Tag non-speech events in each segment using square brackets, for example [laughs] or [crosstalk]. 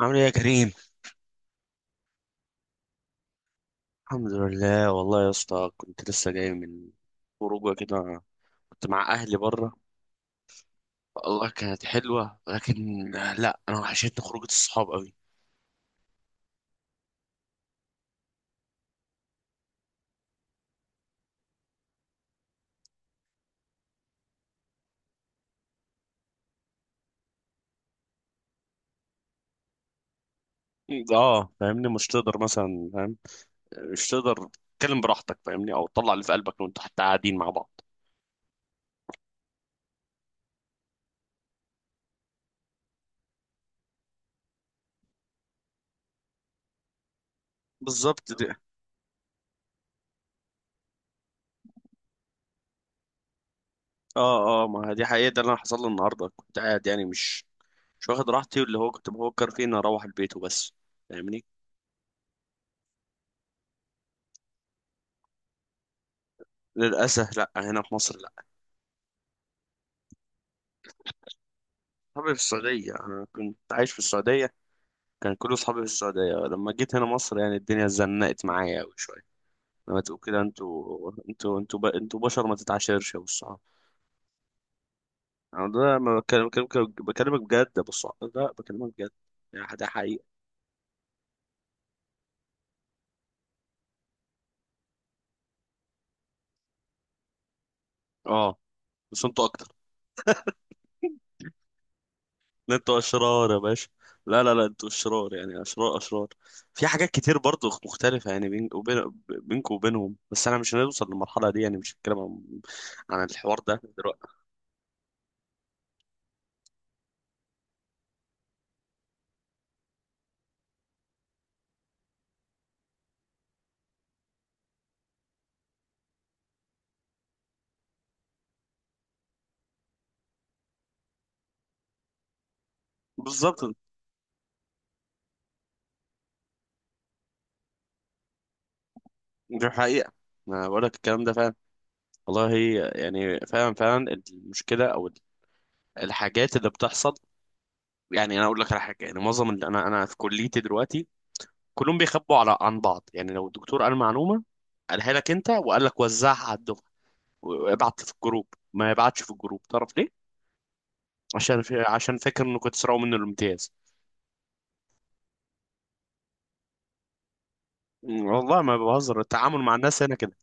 عامل ايه يا كريم؟ الحمد لله والله يا اسطى، كنت لسه جاي من خروجه كده. كنت مع اهلي بره. والله كانت حلوه لكن لا، انا وحشتني خروجه الصحاب قوي. اه فاهمني، مش تقدر مثلا، فاهم، مش تقدر تتكلم براحتك، فاهمني، او تطلع اللي في قلبك وانتوا حتى قاعدين مع بعض. بالظبط دي. اه اه، ما دي حقيقه. ده اللي أنا حصل لي النهارده، كنت قاعد يعني مش واخد راحتي، واللي هو كنت بفكر فيه اني اروح البيت وبس. فاهمني. للاسف لا، هنا في مصر لا. صحابي في السعودية، أنا كنت عايش في السعودية. كان كل صحابي في السعودية، لما جيت هنا مصر يعني الدنيا زنقت معايا أوي شوية. لما تقول كده، انتوا انتوا بشر، ما تتعاشرش يا أبو الصحاب. أنا ده ما بكلم- بكلم- بكلمك بجد يا أبو الصحاب، لا، بكلمك بجد. يعني ده حقيقة. أه، بس انتوا أكتر. لا، انتوا أشرار يا باشا. لا لا لا، انتوا أشرار، يعني أشرار أشرار. في حاجات كتير برضو مختلفة، يعني بينكم وبينهم، بس أنا مش هنوصل للمرحلة دي، يعني مش هتكلم عن الحوار ده دلوقتي. بالظبط. دي حقيقة. أنا بقول لك الكلام ده فعلا، والله. يعني فعلا فعلا، المشكلة أو الحاجات اللي بتحصل. يعني أنا أقول لك على حاجة، يعني معظم اللي أنا في كليتي دلوقتي كلهم بيخبوا على عن بعض، يعني لو الدكتور قال معلومة، قالها لك أنت وقال لك وزعها على الدفعة وابعت في الجروب، ما يبعتش في الجروب. تعرف ليه؟ عشان فاكر إنه كنت سرقوا منه الامتياز. والله ما بهزر، التعامل مع الناس هنا كده.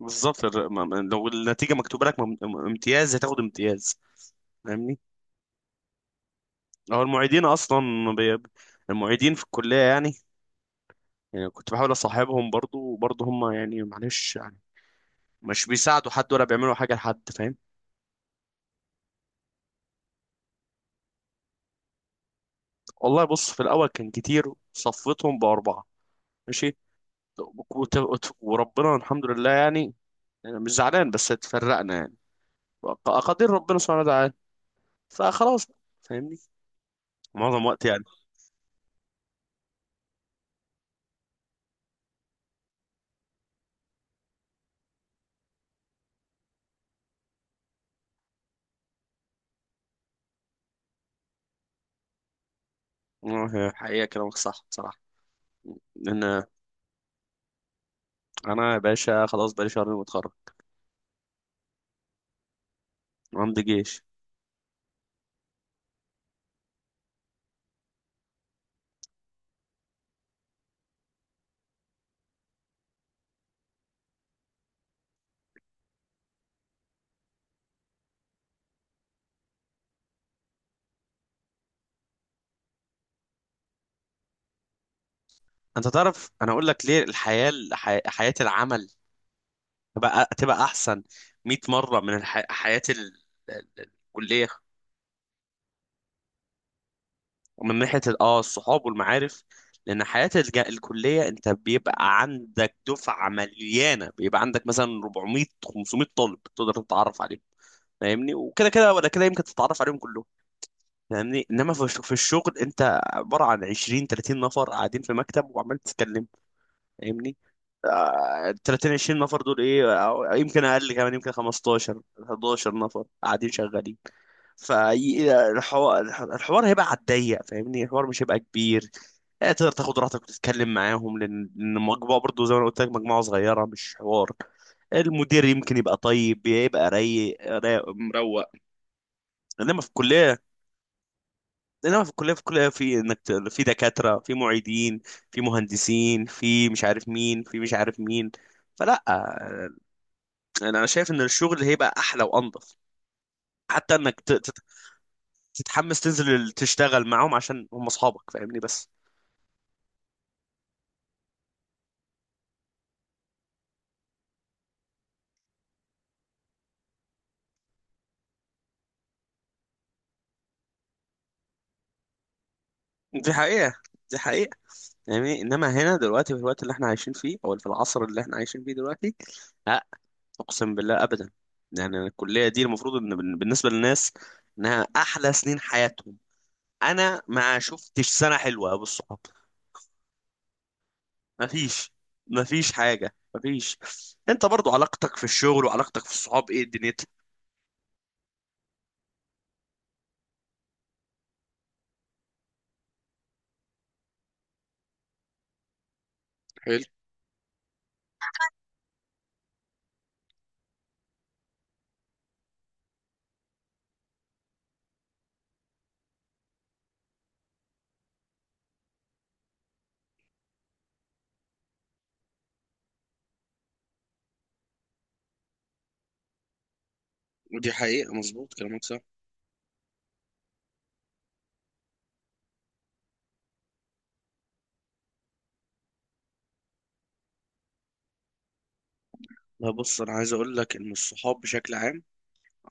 بالظبط، لو النتيجة مكتوبة لك، امتياز هتاخد امتياز، فاهمني. هو المعيدين اصلا، بي... المعيدين في الكليه يعني، يعني كنت بحاول اصاحبهم برضو، وبرضو هم يعني معلش، يعني مش بيساعدوا حد ولا بيعملوا حاجه لحد، فاهم. والله بص، في الاول كان كتير، صفيتهم باربعه. ماشي. وربنا الحمد لله. يعني أنا مش زعلان بس اتفرقنا، يعني اقادير ربنا سبحانه وتعالى، فخلاص بقى، فاهمني، معظم وقت يعني. آه، حقيقه كلامك صح بصراحه. لان انا يا باشا، خلاص بقالي شهرين متخرج، وعندي جيش. انت تعرف انا اقول لك ليه؟ الحياه، حياه العمل تبقى احسن 100 مره من حياه الكليه، ومن ناحيه الصحاب والمعارف، لان حياه الكليه انت بيبقى عندك دفعه مليانه، بيبقى عندك مثلا 400 500 طالب تقدر تتعرف عليهم، فاهمني، وكده كده ولا كده يمكن تتعرف عليهم كلهم. فاهمني، انما في الشغل انت عباره عن 20 30 نفر قاعدين في مكتب وعمال تتكلم، فاهمني. ال 30 20 نفر دول ايه، أو يمكن اقل كمان، يمكن 15 11 نفر قاعدين شغالين. فالحوار، الحوار هيبقى على الضيق، فاهمني، الحوار مش هيبقى كبير. آه، تقدر تاخد راحتك وتتكلم معاهم، لأن المجموعه برضو زي ما أنا قلت لك مجموعه صغيره، مش حوار. المدير يمكن يبقى طيب، يبقى رايق، مروق. انما في الكليه، في الكليه، في انك في دكاتره، في معيدين، في مهندسين، في مش عارف مين، في مش عارف مين. فلا، يعني انا شايف ان الشغل هيبقى احلى وانضف، حتى انك تتحمس تنزل تشتغل معاهم عشان هم اصحابك، فاهمني بس. دي حقيقة، دي حقيقة. يعني انما هنا دلوقتي في الوقت اللي احنا عايشين فيه، او في العصر اللي احنا عايشين فيه دلوقتي، لا، اقسم بالله ابدا. يعني أنا الكلية دي المفروض ان بالنسبة للناس انها احلى سنين حياتهم. انا ما شفتش سنة حلوة بالصحاب، ما فيش، ما فيش حاجة، ما فيش. انت برضو علاقتك في الشغل وعلاقتك في الصحاب ايه دنيتك؟ حلو. ودي حقيقة، مظبوط كلامك صح. لا بص، أنا عايز أقول لك إن الصحاب بشكل عام،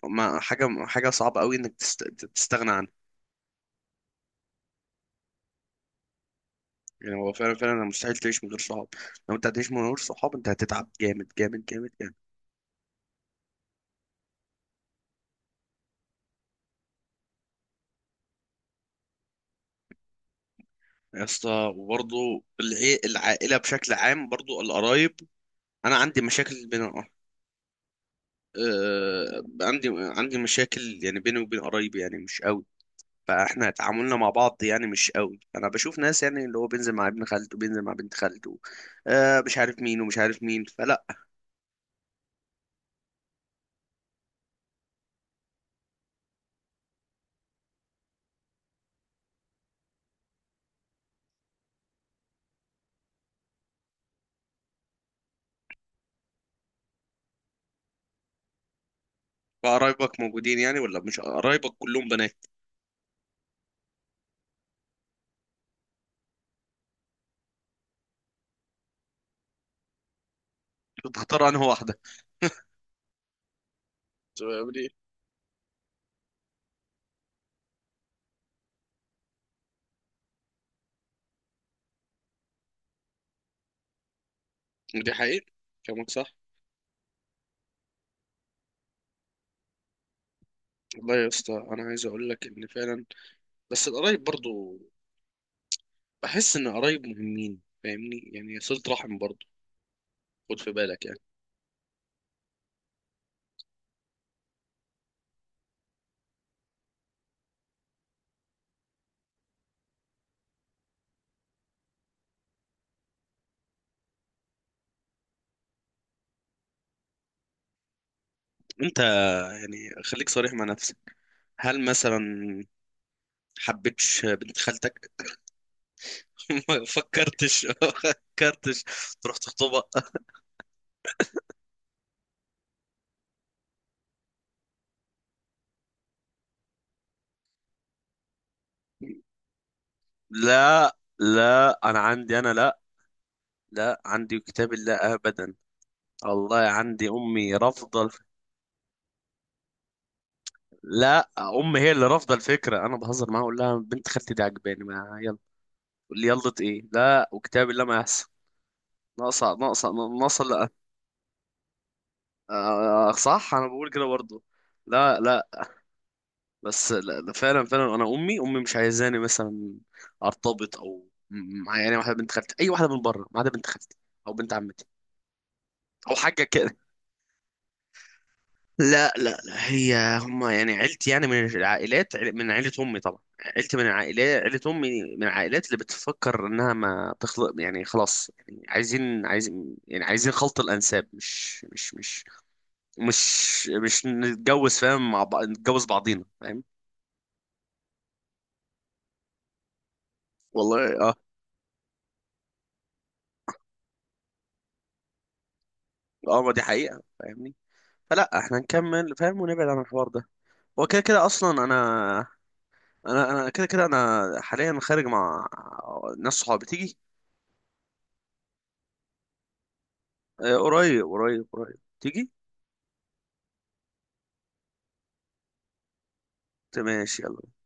ما حاجة صعبة أوي إنك تستغنى عنها. يعني هو فعلا فعلا مستحيل تعيش من غير صحاب، لو أنت هتعيش من غير صحاب أنت هتتعب جامد جامد جامد جامد. يا اسطى، وبرضه العائلة بشكل عام، برضه القرايب. أنا عندي مشاكل بين، عندي مشاكل، يعني بيني وبين قرايبي يعني مش قوي. فاحنا تعاملنا مع بعض يعني مش قوي. انا بشوف ناس يعني اللي هو بينزل مع ابن خالته، بينزل مع بنت خالته، آه مش عارف مين ومش عارف مين، فلا. قرايبك موجودين يعني، ولا مش قرايبك كلهم بنات؟ بتختار انهي واحده؟ طب دي، دي حقيقة كلامك صح. والله يا اسطى، انا عايز اقول لك ان فعلا بس القرايب برضو، بحس ان القرايب مهمين، فاهمني، يعني صلة رحم برضو، خد في بالك يعني. انت، يعني خليك صريح مع نفسك، هل مثلا حبيتش بنت خالتك؟ [laughs] ما فكرتش ما فكرتش تروح تخطبها. لا لا، انا عندي، انا لا، لا عندي كتاب الله ابدا. والله عندي امي رافضه لا، امي هي اللي رافضه الفكره. انا بهزر معاها اقول لها بنت خالتي دي عجباني، ما يلا، تقول لي يلا ايه؟ لا وكتاب الله ما يحصل. ناقصه، ناقصه، ناقصه لا. آه صح، انا بقول كده برضه. لا لا، بس لا لا، فعلا فعلا انا امي مش عايزاني مثلا ارتبط او مع يعني واحده بنت خالتي، اي واحده من بره ما عدا بنت خالتي، او بنت عمتي، او حاجه كده. لا لا لا، هي هما يعني عيلتي يعني من العائلات، من عيلة أمي طبعا. عيلتي من العائلات، عيلة أمي من العائلات اللي بتفكر إنها ما تخلق، يعني خلاص يعني عايزين، يعني عايزين خلط الأنساب، مش نتجوز، فاهم، مع بعض نتجوز بعضينا، فاهم. والله اه، اه ما دي حقيقة، فاهمني، فلا احنا نكمل، فاهم، ونبعد عن الحوار ده. هو كده كده اصلا انا، انا كده كده، انا حاليا خارج مع ناس صحابي تيجي. آه، قريب قريب قريب تيجي. تمام، ماشي يلا.